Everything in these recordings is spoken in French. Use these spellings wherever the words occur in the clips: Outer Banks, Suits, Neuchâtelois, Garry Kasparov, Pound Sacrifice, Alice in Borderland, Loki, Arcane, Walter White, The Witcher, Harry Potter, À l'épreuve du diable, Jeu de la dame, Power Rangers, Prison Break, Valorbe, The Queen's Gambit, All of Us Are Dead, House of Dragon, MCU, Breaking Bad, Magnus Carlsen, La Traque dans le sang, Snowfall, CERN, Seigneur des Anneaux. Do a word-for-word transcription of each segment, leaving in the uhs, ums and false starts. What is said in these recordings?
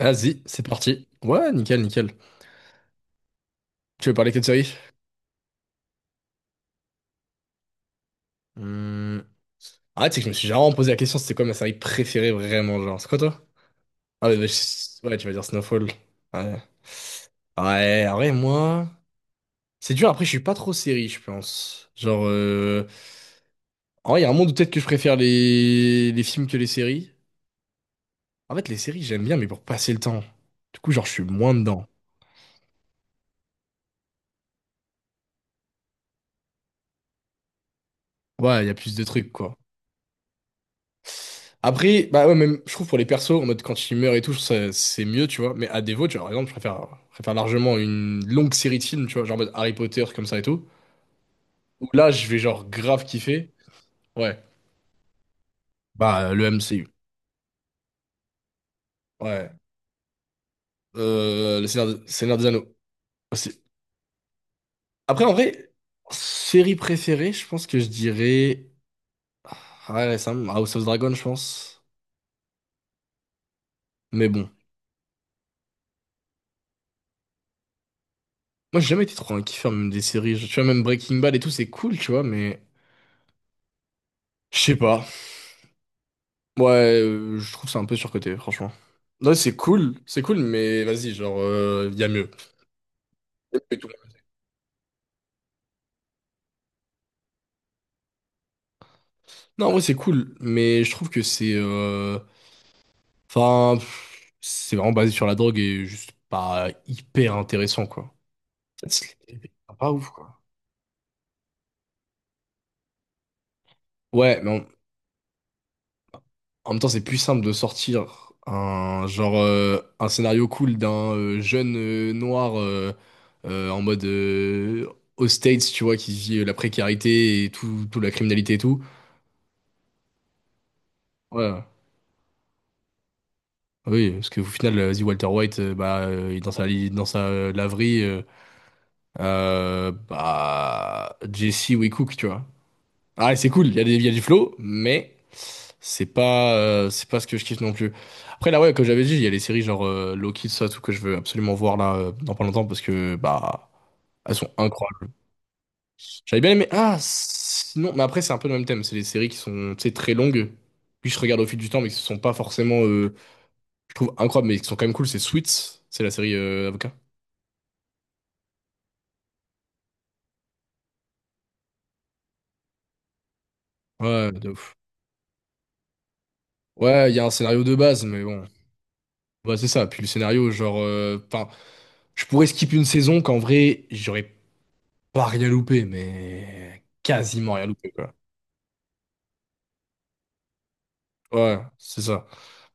Vas-y, c'est parti. Ouais, nickel, nickel. Tu veux parler que de série? Hmm. Ah, tu sais que je me suis jamais vraiment posé la question, c'était quoi ma série préférée vraiment, genre. C'est quoi toi? Ah ouais, bah, je- ouais, tu vas dire Snowfall. Ouais. Ouais, en vrai, moi. C'est dur, après, je suis pas trop série, je pense. Genre, euh... en vrai, il y a un monde où peut-être que je préfère les... les films que les séries. En fait, les séries, j'aime bien, mais pour passer le temps. Du coup, genre, je suis moins dedans. Ouais, il y a plus de trucs, quoi. Après, bah ouais, même, je trouve pour les persos, en mode quand ils meurent et tout, ça- c'est mieux, tu vois. Mais à défaut, tu vois, par exemple, je préfère, je préfère largement une longue série de films, tu vois, genre en mode Harry Potter, comme ça et tout. Où là, je vais genre grave kiffer. Ouais. Bah, euh, le M C U. Ouais. Euh, le Seigneur, de- Seigneur des Anneaux aussi. Après, en vrai, série préférée, je pense que je dirais. Ouais, ouais, ça, House of Dragon, je pense. Mais bon. Moi, j'ai jamais été trop un kiffeur, même des séries. Je- Tu vois, même Breaking Bad et tout, c'est cool, tu vois, mais. Je sais pas. Ouais, euh, je trouve ça un peu surcoté, franchement. Ouais, c'est cool, c'est cool, mais vas-y, genre, il y a mieux. Y a mieux et tout. Non, ouais, c'est cool, mais je trouve que c'est... euh, enfin, pff, c'est vraiment basé sur la drogue et juste pas hyper intéressant, quoi. C'est pas ouf, quoi. Ouais, mais en, en même temps, c'est plus simple de sortir un genre, euh, un scénario cool d'un, euh, jeune, euh, noir, euh, euh, en mode, euh, aux States, tu vois, qui vit, euh, la précarité et tout, toute la criminalité et tout. Ouais, ouais. Ah oui, parce que au final, euh, vas-y, Walter White, euh, bah, euh, il est dans sa, li- dans sa euh, laverie, euh, euh, bah, Jesse ou Cook tu vois. Ah, c'est cool, il y a des, il y a du flow, mais c'est pas, euh, c'est pas ce que je kiffe non plus. Après, là, ouais, comme j'avais dit, il y a les séries genre, euh, Loki, tout ça, tout que je veux absolument voir là, euh, dans pas longtemps, parce que, bah, elles sont incroyables. J'avais bien aimé, ah, sinon, mais après, c'est un peu le même thème, c'est les séries qui sont, tu sais, très longues, puis je regarde au fil du temps, mais qui ne sont pas forcément. euh, je trouve incroyable, mais qui sont quand même cool, c'est Suits, c'est la série, euh, avocat. Ouais, de ouf. Ouais, il y a un scénario de base, mais bon, bah, c'est ça. Puis le scénario, genre, euh, enfin, je pourrais skip une saison qu'en vrai, j'aurais pas rien loupé, mais quasiment rien loupé, quoi. Ouais, c'est ça.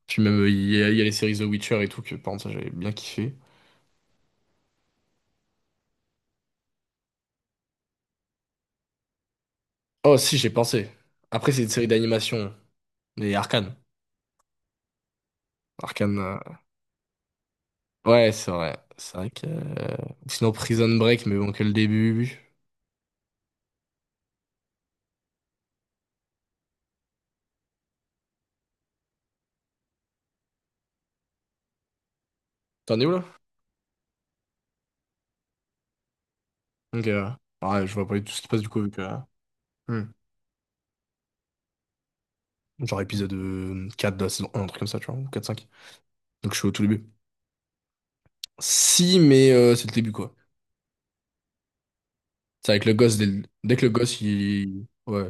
Puis même, euh, il y a, il y a les séries The Witcher et tout, que par contre, ça, j'avais bien kiffé. Oh, si, j'ai pensé. Après, c'est une série d'animation, mais Arcane. Arcane, euh, ouais, c'est vrai. C'est vrai que. euh, Sinon, Prison Break, mais bon, que le début. T'en es où là? Ok, ouais. Ouais, je vois pas tout ce qui se passe du coup, vu que. Hmm. Genre épisode, euh, quatre de la saison un, un truc comme ça, tu vois, ou quatre ou cinq. Donc je suis au tout début. Si, mais, euh, c'est le début, quoi. C'est avec le gosse, dès, le- dès que le gosse, il. Ouais,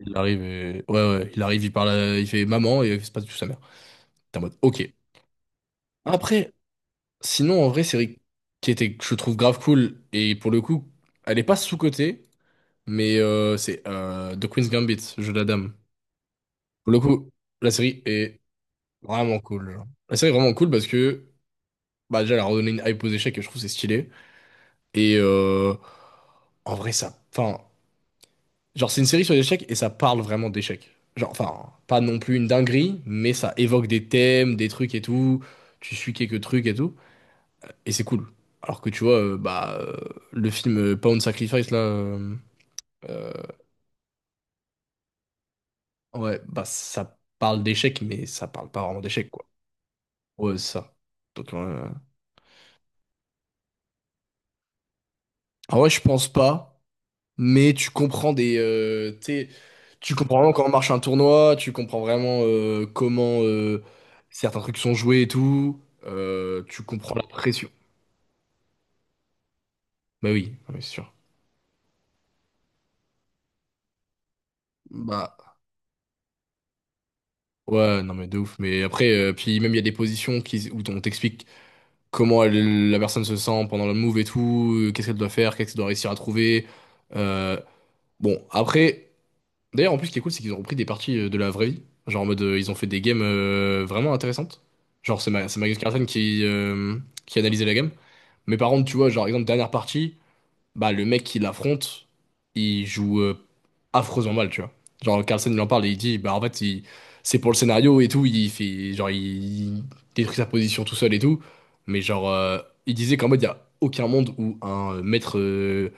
il arrive et. Ouais, ouais, il arrive, il parle, à- il fait maman et il se passe du tout sa mère. T'es en mode, ok. Après, sinon, en vrai, série qui était, que je trouve grave cool, et pour le coup, elle est pas sous-cotée, mais, euh, c'est, euh, The Queen's Gambit, Jeu de la dame. Pour le coup, la série est vraiment cool, genre. La série est vraiment cool parce que, bah, déjà, elle a redonné une hype aux échecs et je trouve que c'est stylé. Et, euh, en vrai, ça. Enfin, genre, c'est une série sur les échecs et ça parle vraiment d'échecs. Genre, enfin, pas non plus une dinguerie, mais ça évoque des thèmes, des trucs et tout. Tu suis quelques trucs et tout. Et c'est cool. Alors que tu vois, euh, bah, euh, le film, euh, Pound Sacrifice, là, euh, euh, ouais, bah, ça parle d'échecs, mais ça parle pas vraiment d'échecs, quoi. Ouais, c'est ça. Donc, ouais. Ah ouais, je pense pas, mais tu comprends des euh, tu tu comprends vraiment comment marche un tournoi, tu comprends vraiment, euh, comment, euh, certains trucs sont joués et tout, euh, tu comprends la pression. Bah oui non, mais c'est sûr. Bah ouais non, mais de ouf. Mais après, euh, puis même il y a des positions qui où on t'explique comment elle- la personne se sent pendant le move et tout, euh, qu'est-ce qu'elle doit faire, qu'est-ce qu'elle doit réussir à trouver. Euh, bon, après. D'ailleurs, en plus, ce qui est cool, c'est qu'ils ont repris des parties, euh, de la vraie vie. Genre en mode, euh, ils ont fait des games, euh, vraiment intéressantes. Genre, c'est Ma- c'est Magnus Carlsen qui, euh, qui analysait la game. Mais par contre, tu vois, genre, exemple, dernière partie, bah, le mec qui l'affronte, il joue, euh, affreusement mal, tu vois. Genre, Carlsen, il en parle et il dit, bah, en fait, il- c'est pour le scénario et tout. Il fait, genre, il, il détruit sa position tout seul et tout. Mais genre, euh, il disait qu'en mode, il y a aucun monde où un, euh, maître, euh,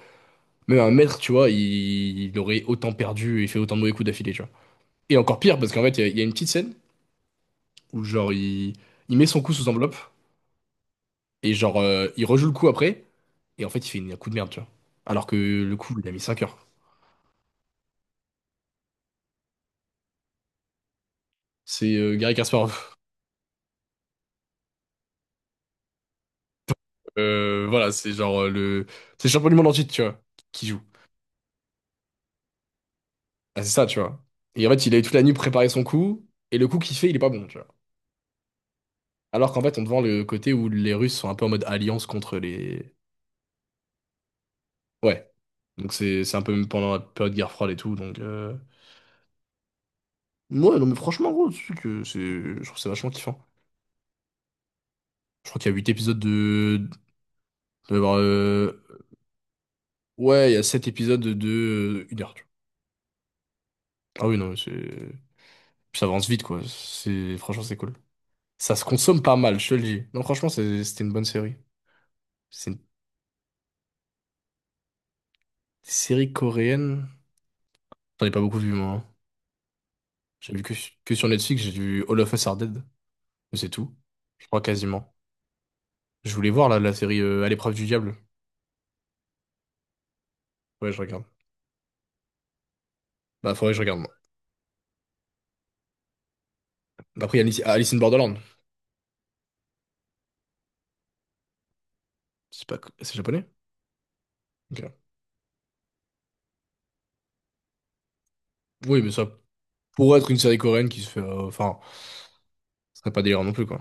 même un maître, tu vois, il, il aurait autant perdu et fait autant de mauvais coups d'affilée, tu vois. Et encore pire, parce qu'en fait, il y, a il y a une petite scène où, genre, il, il met son coup sous enveloppe et, genre, euh, il rejoue le coup après. Et en fait, il fait une- un coup de merde, tu vois. Alors que le coup, il a mis cinq heures. C'est, euh, Garry Kasparov. Euh, voilà, c'est genre, euh, le. C'est le champion du monde entier, tu vois, qui joue. Ah, c'est ça, tu vois. Et en fait, il a eu toute la nuit préparé son coup. Et le coup qu'il fait, il est pas bon, tu vois. Alors qu'en fait, on te vend le côté où les Russes sont un peu en mode alliance contre les. Ouais. Donc, c'est c'est un peu même pendant la période de guerre froide et tout. Donc. euh, Ouais, non, mais franchement, gros, tu sais que c'est, je trouve ça vachement kiffant. Je crois qu'il y a huit épisodes de. de- de- euh, Ouais, il y a sept épisodes de une heure, tu vois. Ah oui, non, mais c'est. Puis ça avance vite, quoi. C'est... Franchement, c'est cool. Ça se consomme pas mal, je te le dis. Non, franchement, c'est- c'était une bonne série. C'est une série coréenne. J'en ai pas beaucoup vu, moi, hein. J'ai vu que, que sur Netflix, j'ai vu All of Us Are Dead. Mais c'est tout. Je crois quasiment. Je voulais voir, là, la série, euh, À l'épreuve du diable. Ouais, je regarde. Bah, faudrait que je regarde, moi. Après, il y a Alice Alice in Borderland. C'est pas... C'est japonais? Ok. Oui, mais ça pourrait être une série coréenne qui se fait. euh, enfin, ce serait pas délirant non plus, quoi.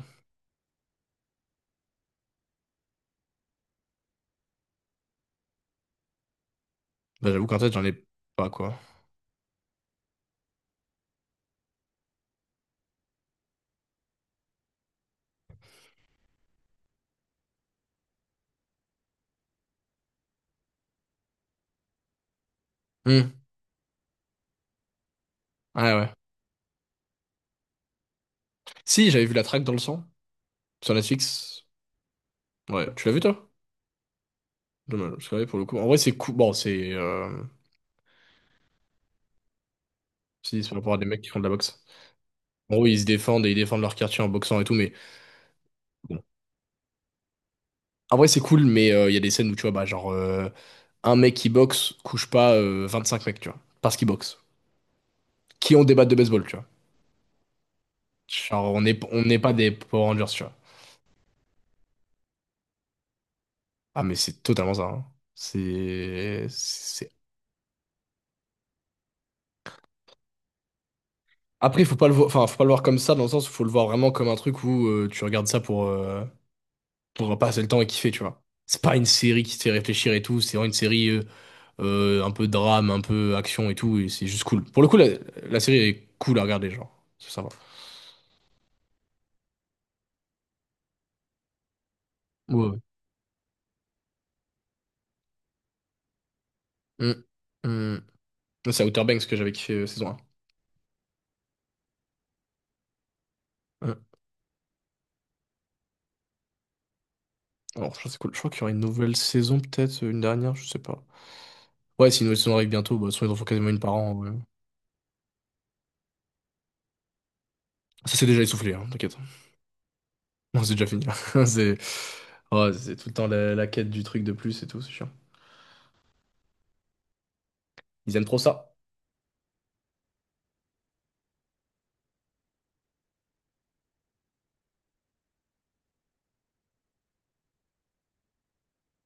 Bah, j'avoue qu'en tête, j'en ai pas, quoi. Hmm. Ah ouais. Si, j'avais vu La Traque dans le sang sur Netflix. Ouais, tu l'as vu, toi? Dommage, parce que ouais, pour le coup. En vrai, c'est cool. Bon, c'est. Euh... Si, c'est par rapport à des mecs qui font de la boxe. En gros, ils se défendent et ils défendent leur quartier en boxant et tout, mais bon. En vrai, c'est cool, mais, euh, il y a des scènes où, tu vois, bah, genre, euh, un mec qui boxe couche pas, euh, vingt-cinq mecs, tu vois, parce qu'il boxe, qui ont des battes de baseball, tu vois. Genre, on n'est on n'est pas des Power Rangers, tu vois. Ah, mais c'est totalement ça, hein. C'est, c'est... Après, il faut pas le voir... enfin, faut pas le voir comme ça, dans le sens où faut le voir vraiment comme un truc où, euh, tu regardes ça pour, euh, pour passer le temps et kiffer, tu vois. C'est pas une série qui te fait réfléchir et tout, c'est vraiment une série, euh, euh, un peu drame, un peu action et tout, et c'est juste cool. Pour le coup, la, la série est cool à regarder, genre. Ça, ça va. Ouais, ouais. Mm, mm. C'est Outer Banks que j'avais kiffé, euh, saison un. Mm. Alors, je crois que c'est cool. Je crois qu'il y aura une nouvelle saison, peut-être, euh, une dernière, je sais pas. Ouais, si une nouvelle saison arrive bientôt, bah, de toute façon, ils en font quasiment une par an, ouais. Ça s'est déjà essoufflé, hein, t'inquiète. Non, c'est déjà fini. C'est Oh, c'est tout le temps la, la quête du truc de plus et tout, c'est chiant. Ils aiment trop ça.